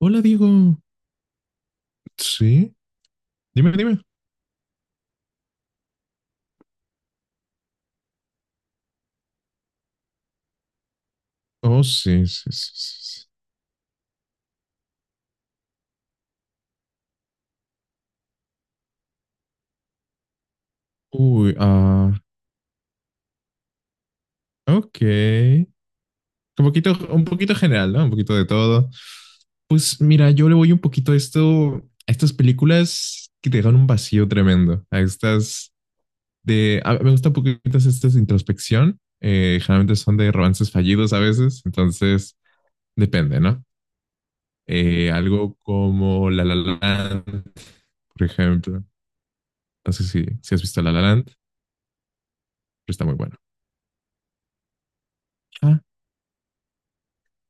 Hola, Diego. Sí, dime. Oh, sí, sí, sí, sí, sí. Uy, ah, ok. Un poquito general, ¿no? Un poquito de todo. Pues mira, yo le voy un poquito a esto, a estas películas que te dejan un vacío tremendo. A estas me gustan un poquito estas de introspección. Generalmente son de romances fallidos a veces, entonces depende, ¿no? Algo como La La Land, por ejemplo. No sé si has visto La La Land, pero está muy bueno.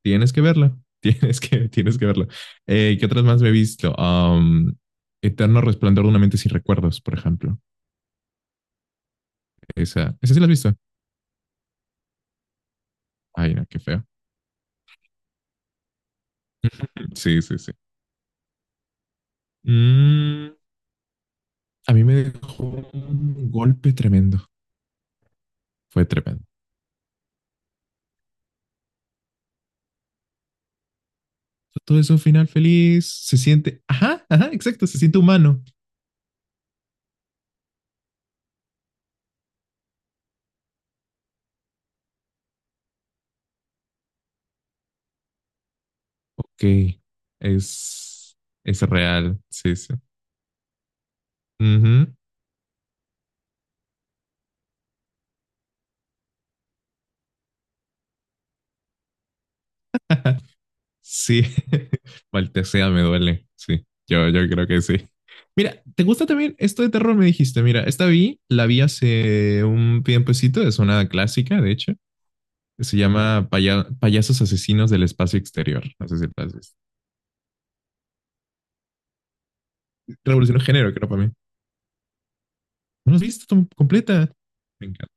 Tienes que verla. Tienes que verla. ¿Qué otras más me he visto? Eterno Resplandor de una mente sin recuerdos, por ejemplo. Esa sí la has visto. Ay, no, qué feo. Sí, sí, sí. Mm, a mí me dejó un golpe tremendo. Fue tremendo. Todo eso, final feliz, se siente, ajá, ajá, exacto, se siente humano. Ok, es, es real, sí, sí. Uh -huh. Sí, Maltesea me duele. Sí, yo creo que sí. Mira, ¿te gusta también esto de terror? Me dijiste, mira, esta vi, la vi hace un tiempecito, es una clásica, de hecho, que se llama Payasos Asesinos del Espacio Exterior. No sé si la has visto. Revolución de género, creo para mí. ¿No la has visto completa? Me encanta.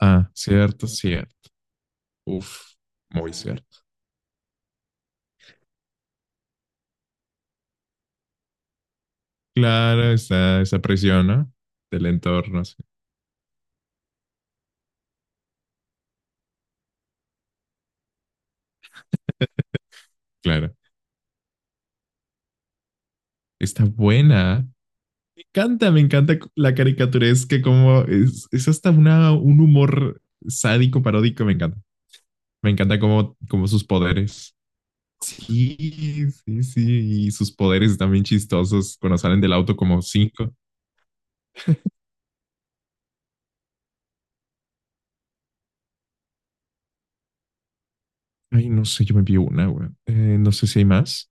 Ah, cierto, cierto. Uf, muy cierto. Claro, esa presión, ¿no? Del entorno, sí, claro. Está buena. Encanta, me encanta la caricaturesca, como es hasta una, un humor sádico, paródico, me encanta. Me encanta como sus poderes. Sí, sí, sí, y sus poderes también chistosos cuando salen del auto como cinco. Ay, no sé, yo me vi una, güey. No sé si hay más.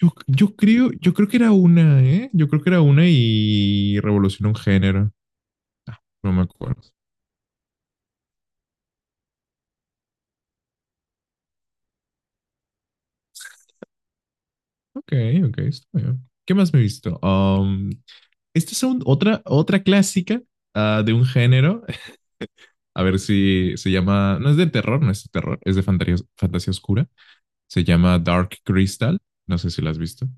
Yo, yo creo que era una, ¿eh? Yo creo que era una y revolucionó un género. Ah, no me acuerdo. Ok, ok, está bien. ¿Qué más me he visto? Um, Esta es otra, otra clásica de un género. A ver si se llama. No es de terror, no es de terror, es de fantasía, fantasía oscura. Se llama Dark Crystal. No sé si la has visto.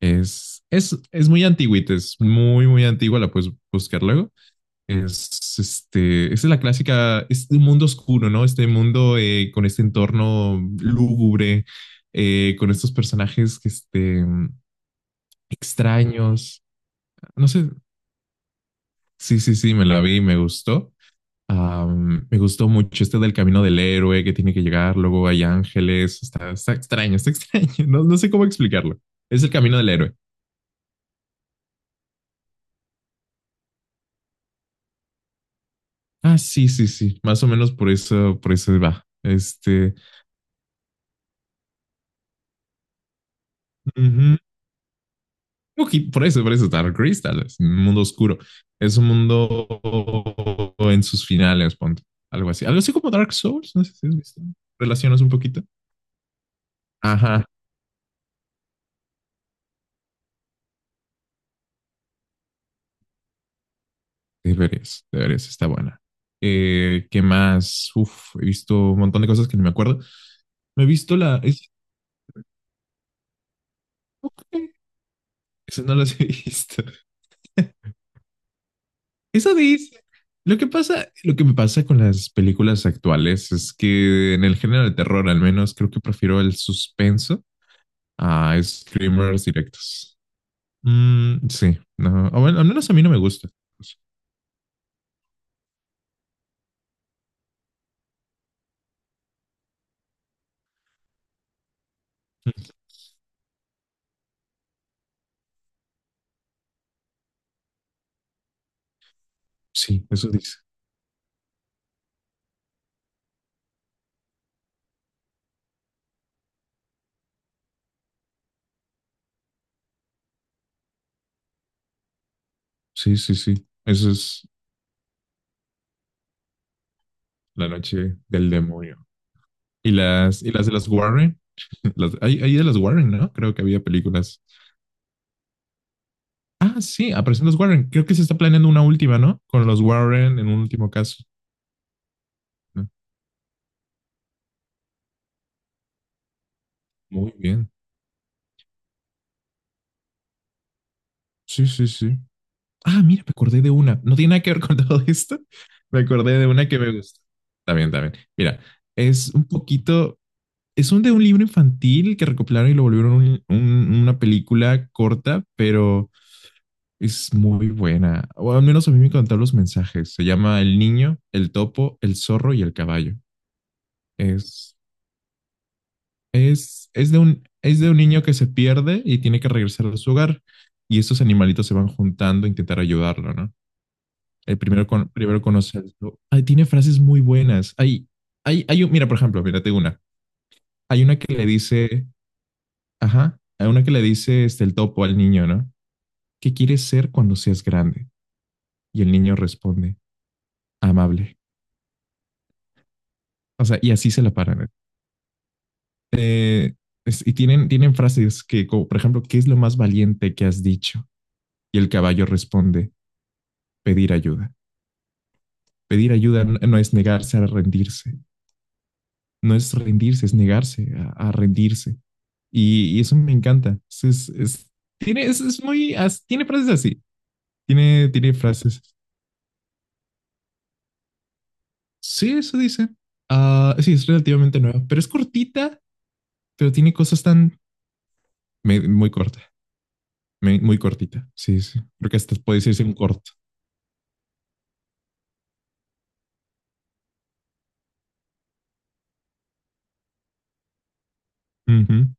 Es muy antigüita, es muy, muy antigua. La puedes buscar luego. Esa es la clásica. Es un mundo oscuro, ¿no? Este mundo con este entorno lúgubre, con estos personajes que extraños. No sé. Sí, sí, sí, me la vi y me gustó. Me gustó mucho este del camino del héroe que tiene que llegar, luego hay ángeles, está extraño, está extraño, no, no sé cómo explicarlo. Es el camino del héroe. Ah, sí, sí, sí, más o menos por eso va. Uh -huh. Okay, por eso, Dark Crystal tal vez, un mundo oscuro. Es un mundo en sus finales, ponte, algo así. Algo así como Dark Souls, no sé si has visto. Relacionas un poquito. Ajá, deberías, deberías, está buena. ¿Qué más? Uf, he visto un montón de cosas que no me acuerdo. Me he visto ok, esas no las he visto. Eso dice. Lo que me pasa con las películas actuales es que en el género de terror, al menos, creo que prefiero el suspenso a screamers directos. Mm, sí, no, o bueno, al menos a mí no me gusta. Sí, eso dice. Sí, sí, sí. Eso es la noche del demonio. Y las de las Warren. Hay de las Warren, ¿no? Creo que había películas. Ah, sí, aparecen los Warren. Creo que se está planeando una última, ¿no? Con los Warren en un último caso. ¿No? Muy bien. Sí, sí, sí. Ah, mira, me acordé de una. No tiene nada que ver con todo esto. Me acordé de una que me gusta. Está bien, está bien. Mira, es un poquito. Es un de un libro infantil que recopilaron y lo volvieron una película corta, pero es muy buena. O al menos a mí me encantaron los mensajes. Se llama El niño, el topo, el zorro y el caballo. Es, es de un niño que se pierde y tiene que regresar a su hogar. Y estos animalitos se van juntando a intentar ayudarlo, ¿no? Primero conoce al Ay, tiene frases muy buenas. Hay un, mira, por ejemplo, mírate una. Hay una que le dice, ajá, hay una que le dice el topo al niño, ¿no? ¿Qué quieres ser cuando seas grande? Y el niño responde, amable. O sea, y así se la paran. Eh, y tienen frases que, como, por ejemplo, ¿qué es lo más valiente que has dicho? Y el caballo responde, pedir ayuda. Pedir ayuda no es negarse a rendirse. No es rendirse, es negarse a rendirse. Y eso me encanta. Es muy, tiene frases así. Tiene frases. Sí, eso dice. Ah, sí, es relativamente nueva, pero es cortita, pero tiene cosas tan muy corta, muy cortita. Sí, sí. Creo que hasta puede decirse un corto. Ujú,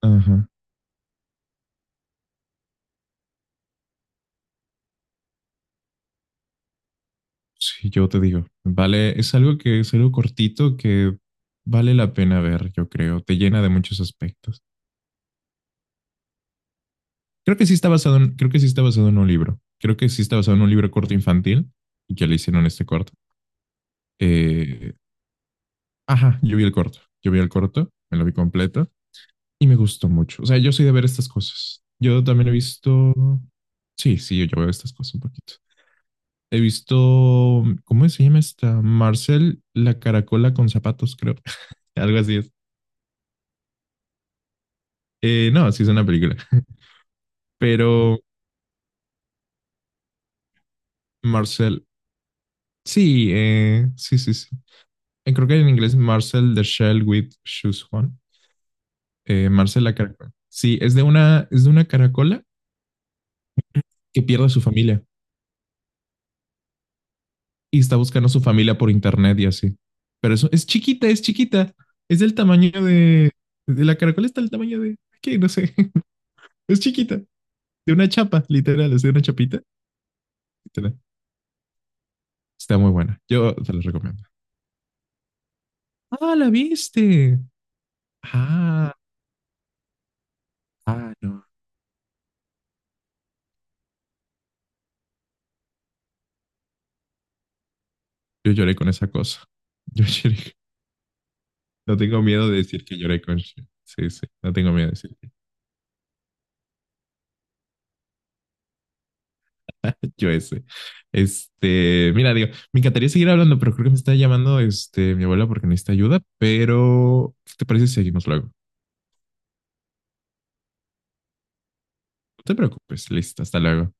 ajá. Sí, yo te digo, vale, es algo que es algo cortito que vale la pena ver, yo creo, te llena de muchos aspectos. Creo que sí está basado en, creo que sí está basado en un libro. Creo que sí está basado en un libro corto infantil y que le hicieron este corto. Eh, ajá, yo vi el corto, me lo vi completo y me gustó mucho. O sea, yo soy de ver estas cosas. Yo también he visto, sí, sí, yo veo estas cosas un poquito. He visto, ¿cómo se llama esta? Marcel, la caracola con zapatos, creo. Algo así es. No, sí es una película. Pero Marcel, sí, sí, sí, sí. Creo que en inglés Marcel the Shell with Shoes On. Marcel la caracola. Sí, es de una caracola que pierde a su familia y está buscando a su familia por internet y así. Pero eso es chiquita, es chiquita. Es del tamaño de la caracola está del tamaño de, ¿qué? No sé. Es chiquita. De una chapa, literal, es de una chapita. Literal. Está muy buena. Yo te la recomiendo. Ah, la viste. Ah, ah, no. Yo lloré con esa cosa. Yo lloré. No tengo miedo de decir que lloré con. Sí, sí, no tengo miedo de decir. Que yo ese. Mira, digo, me encantaría seguir hablando, pero creo que me está llamando mi abuela porque necesita ayuda, pero ¿qué te parece si seguimos luego? No te preocupes, listo, hasta luego.